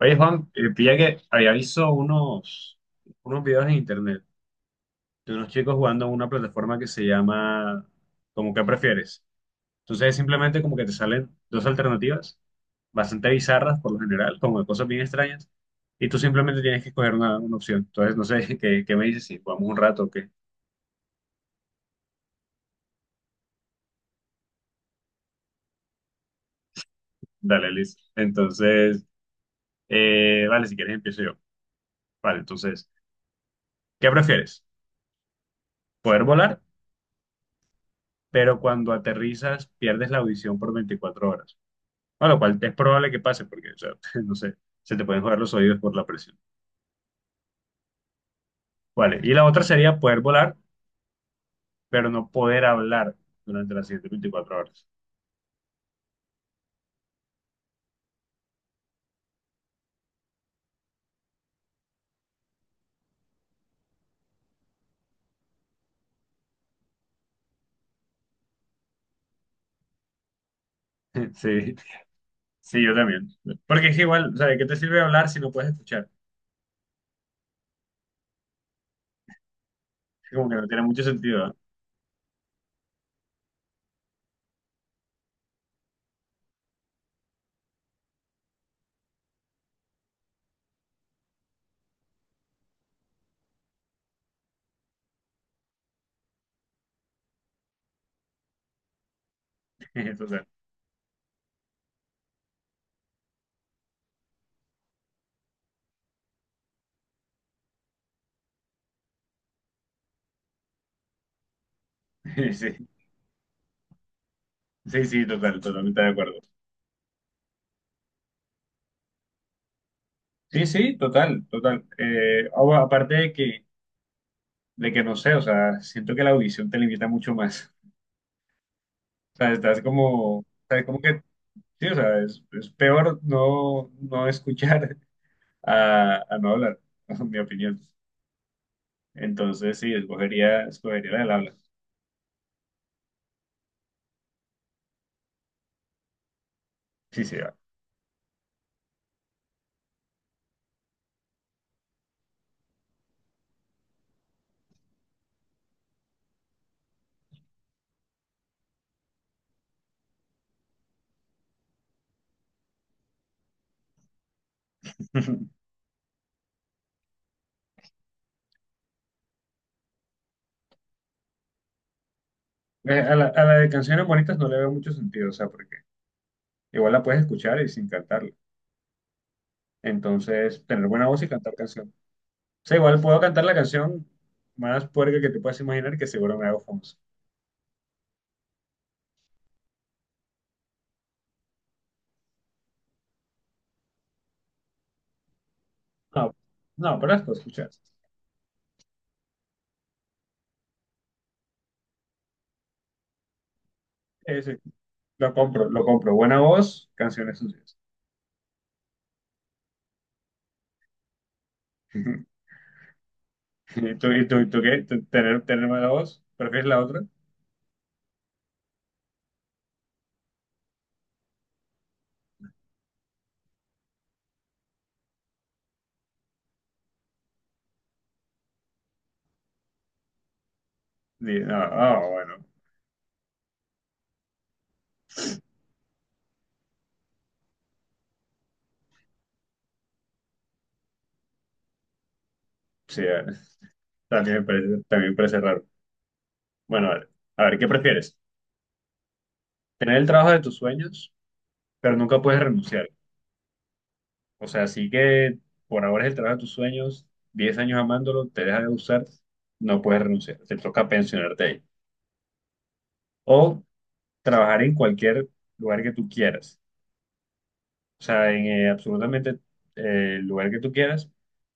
Oye, Juan, pilla que había visto unos videos en internet de unos chicos jugando en una plataforma que se llama ¿como que prefieres? Entonces es simplemente como que te salen dos alternativas bastante bizarras por lo general, como de cosas bien extrañas, y tú simplemente tienes que escoger una opción. Entonces, no sé, ¿ qué me dices? Si jugamos un rato o qué. Dale, listo. Entonces, vale, si quieres empiezo yo. Vale, entonces, ¿qué prefieres? Poder volar, pero cuando aterrizas pierdes la audición por 24 horas. A lo cual es probable que pase, porque, o sea, no sé, se te pueden joder los oídos por la presión. Vale, y la otra sería poder volar, pero no poder hablar durante las siguientes 24 horas. Sí, sí, yo también. Porque es que igual, o sea, ¿de qué te sirve hablar si no puedes escuchar? Como que no tiene mucho sentido, ¿no? Total. Sí, sí, sí, total, totalmente de acuerdo. Sí, sí, total, total. Bueno, aparte de que no sé, o sea, siento que la audición te limita mucho más. O sea, estás como, o sea, como que sí, o sea, es peor no escuchar a no hablar, en mi opinión. Entonces, sí, escogería la del habla. Sí, sí, va. A la de canciones bonitas no le veo mucho sentido, o sea, porque igual la puedes escuchar y sin cantarla. Entonces, tener buena voz y cantar canción. O sea, igual puedo cantar la canción más puerca que te puedas imaginar, que seguro me hago famoso. No, no, pero las puedo escuchar. Sí, lo compro, lo compro. Buena voz, canciones sucias. ¿Y tú qué? ¿Tener, tener mala voz? ¿Prefieres la otra? Bueno, sí, también me parece raro. Bueno, vale. A ver, ¿qué prefieres? ¿Tener el trabajo de tus sueños, pero nunca puedes renunciar? O sea, sí que por ahora es el trabajo de tus sueños, 10 años amándolo, te deja de usar, no puedes renunciar, te toca pensionarte ahí. O trabajar en cualquier lugar que tú quieras, o sea, en absolutamente el lugar que tú quieras,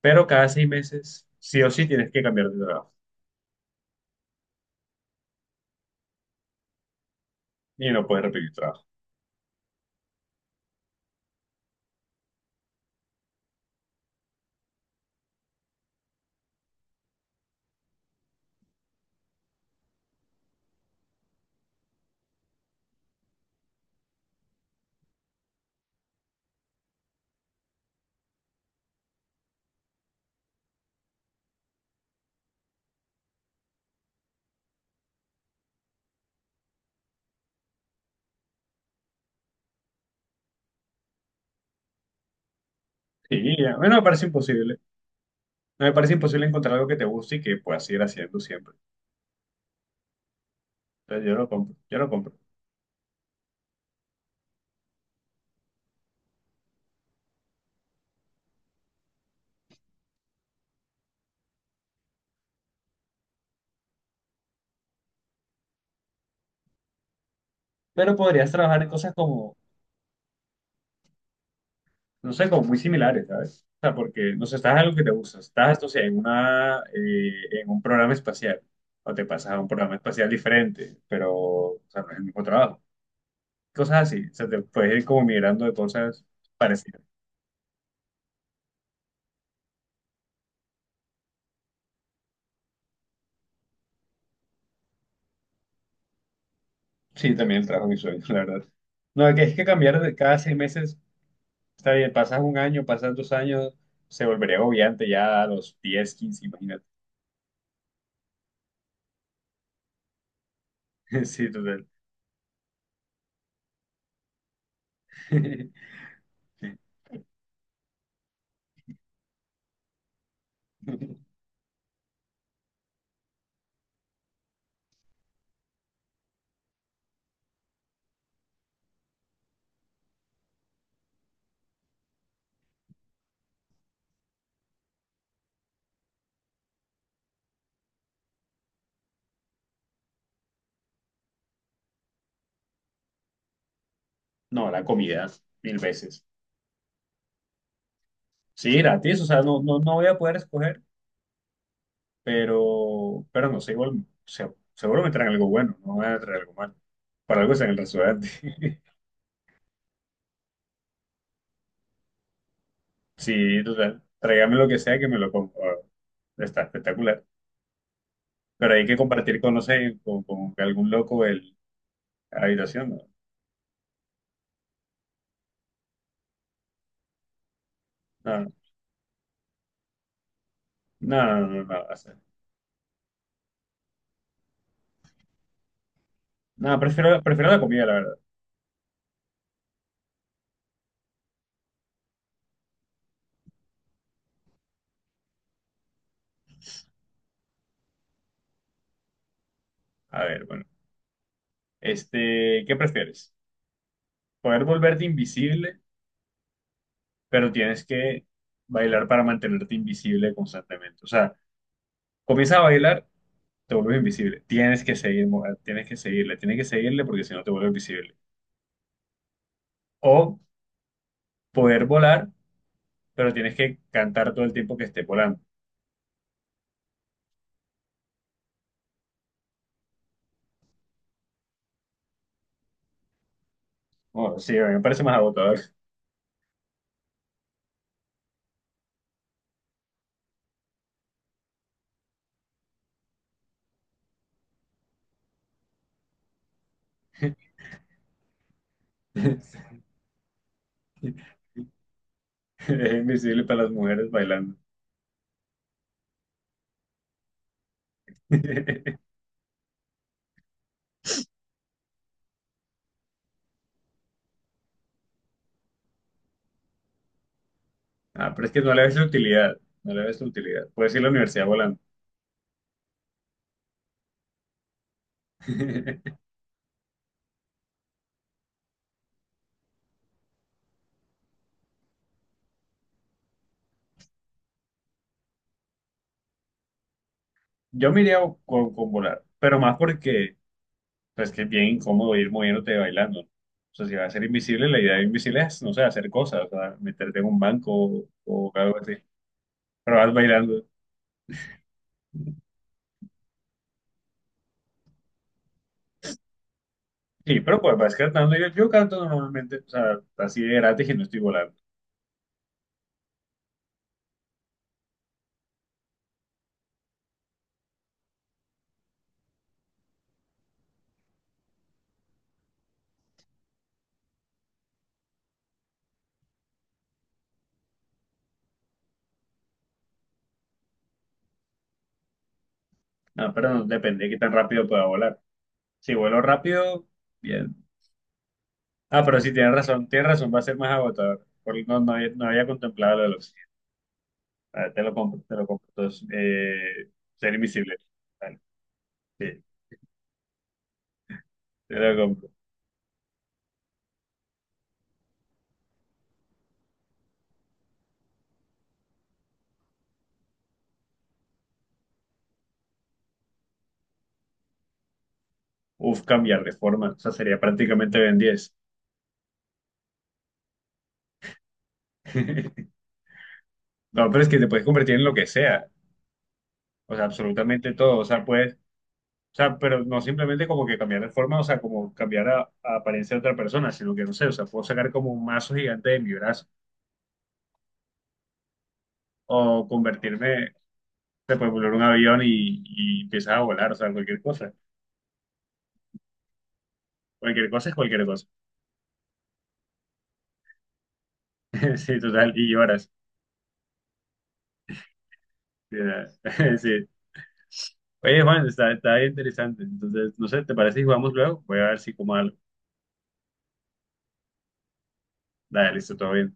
pero cada 6 meses sí o sí tienes que cambiar de trabajo. Y no puedes repetir trabajo. Sí, ya. Bueno, me parece imposible. No me parece imposible encontrar algo que te guste y que puedas ir haciendo siempre. Entonces yo lo compro, yo lo compro. Pero podrías trabajar en cosas como, no sé, como muy similares, ¿sabes? O sea, porque, no sé, estás en algo que te gusta. Estás, o sea, en una, en un programa espacial. O te pasas a un programa espacial diferente, pero, o sea, no es el mismo trabajo. Cosas así. O sea, te puedes ir como migrando de cosas parecidas. Sí, también el trabajo es mi sueño, la verdad. No, que es que cambiar de cada 6 meses está bien, pasas 1 año, pasas 2 años, se volvería agobiante ya a los 10 15, imagínate. Sí, total. No, la comida, mil veces. Sí, gratis, o sea, no, no, no voy a poder escoger, pero no sé, igual, seguro me traen algo bueno, no me van a traer algo malo. Para algo es en el restaurante. Sí, total. Tráigame lo que sea que me lo como. Ah, está espectacular. Pero hay que compartir con, no sé, con algún loco el, la habitación, ¿no? No, no, no, no, no, no. No. No, prefiero, prefiero la comida, la verdad. A ver, bueno, este, ¿qué prefieres? Poder volverte invisible, pero tienes que bailar para mantenerte invisible constantemente. O sea, comienzas a bailar, te vuelves invisible. Tienes que seguirle, tienes que seguirle porque si no te vuelves invisible. O poder volar, pero tienes que cantar todo el tiempo que esté volando. Oh, sí, a mí me parece más agotador. Es invisible para las mujeres bailando. Ah, pero es que no le ves la utilidad, no le ves la utilidad. Puedes ir a la universidad volando. Yo me iría con volar, pero más porque pues que es bien incómodo ir moviéndote y bailando. O sea, si vas a ser invisible, la idea de invisible es, no sé, hacer cosas, o sea, meterte en un banco o algo así, pero vas bailando. Sí, pero pues vas cantando. Yo canto normalmente, o sea, así de gratis y no estoy volando. Ah, pero no, depende de qué tan rápido pueda volar. Si vuelo rápido, bien. Ah, pero sí, tienes razón, va a ser más agotador. Porque no había contemplado lo del oxígeno. Vale, te lo compro, te lo compro. Entonces, ser invisible. Vale, sí, te lo compro. Uf, cambiar de forma. O sea, sería prácticamente Ben 10. No, pero es que te puedes convertir en lo que sea. O sea, absolutamente todo. O sea, puedes. O sea, pero no simplemente como que cambiar de forma, o sea, como cambiar a apariencia de otra persona, sino que no sé, o sea, puedo sacar como un mazo gigante de mi brazo o convertirme, te puedes volar un avión y empiezas a volar, o sea, cualquier cosa. Cualquier cosa es cualquier cosa. Sí, total, y lloras. Sí. Sí. Oye, Juan, está, está bien interesante. Entonces, no sé, ¿te parece si jugamos luego? Voy a ver si como algo. Dale, listo, todo bien.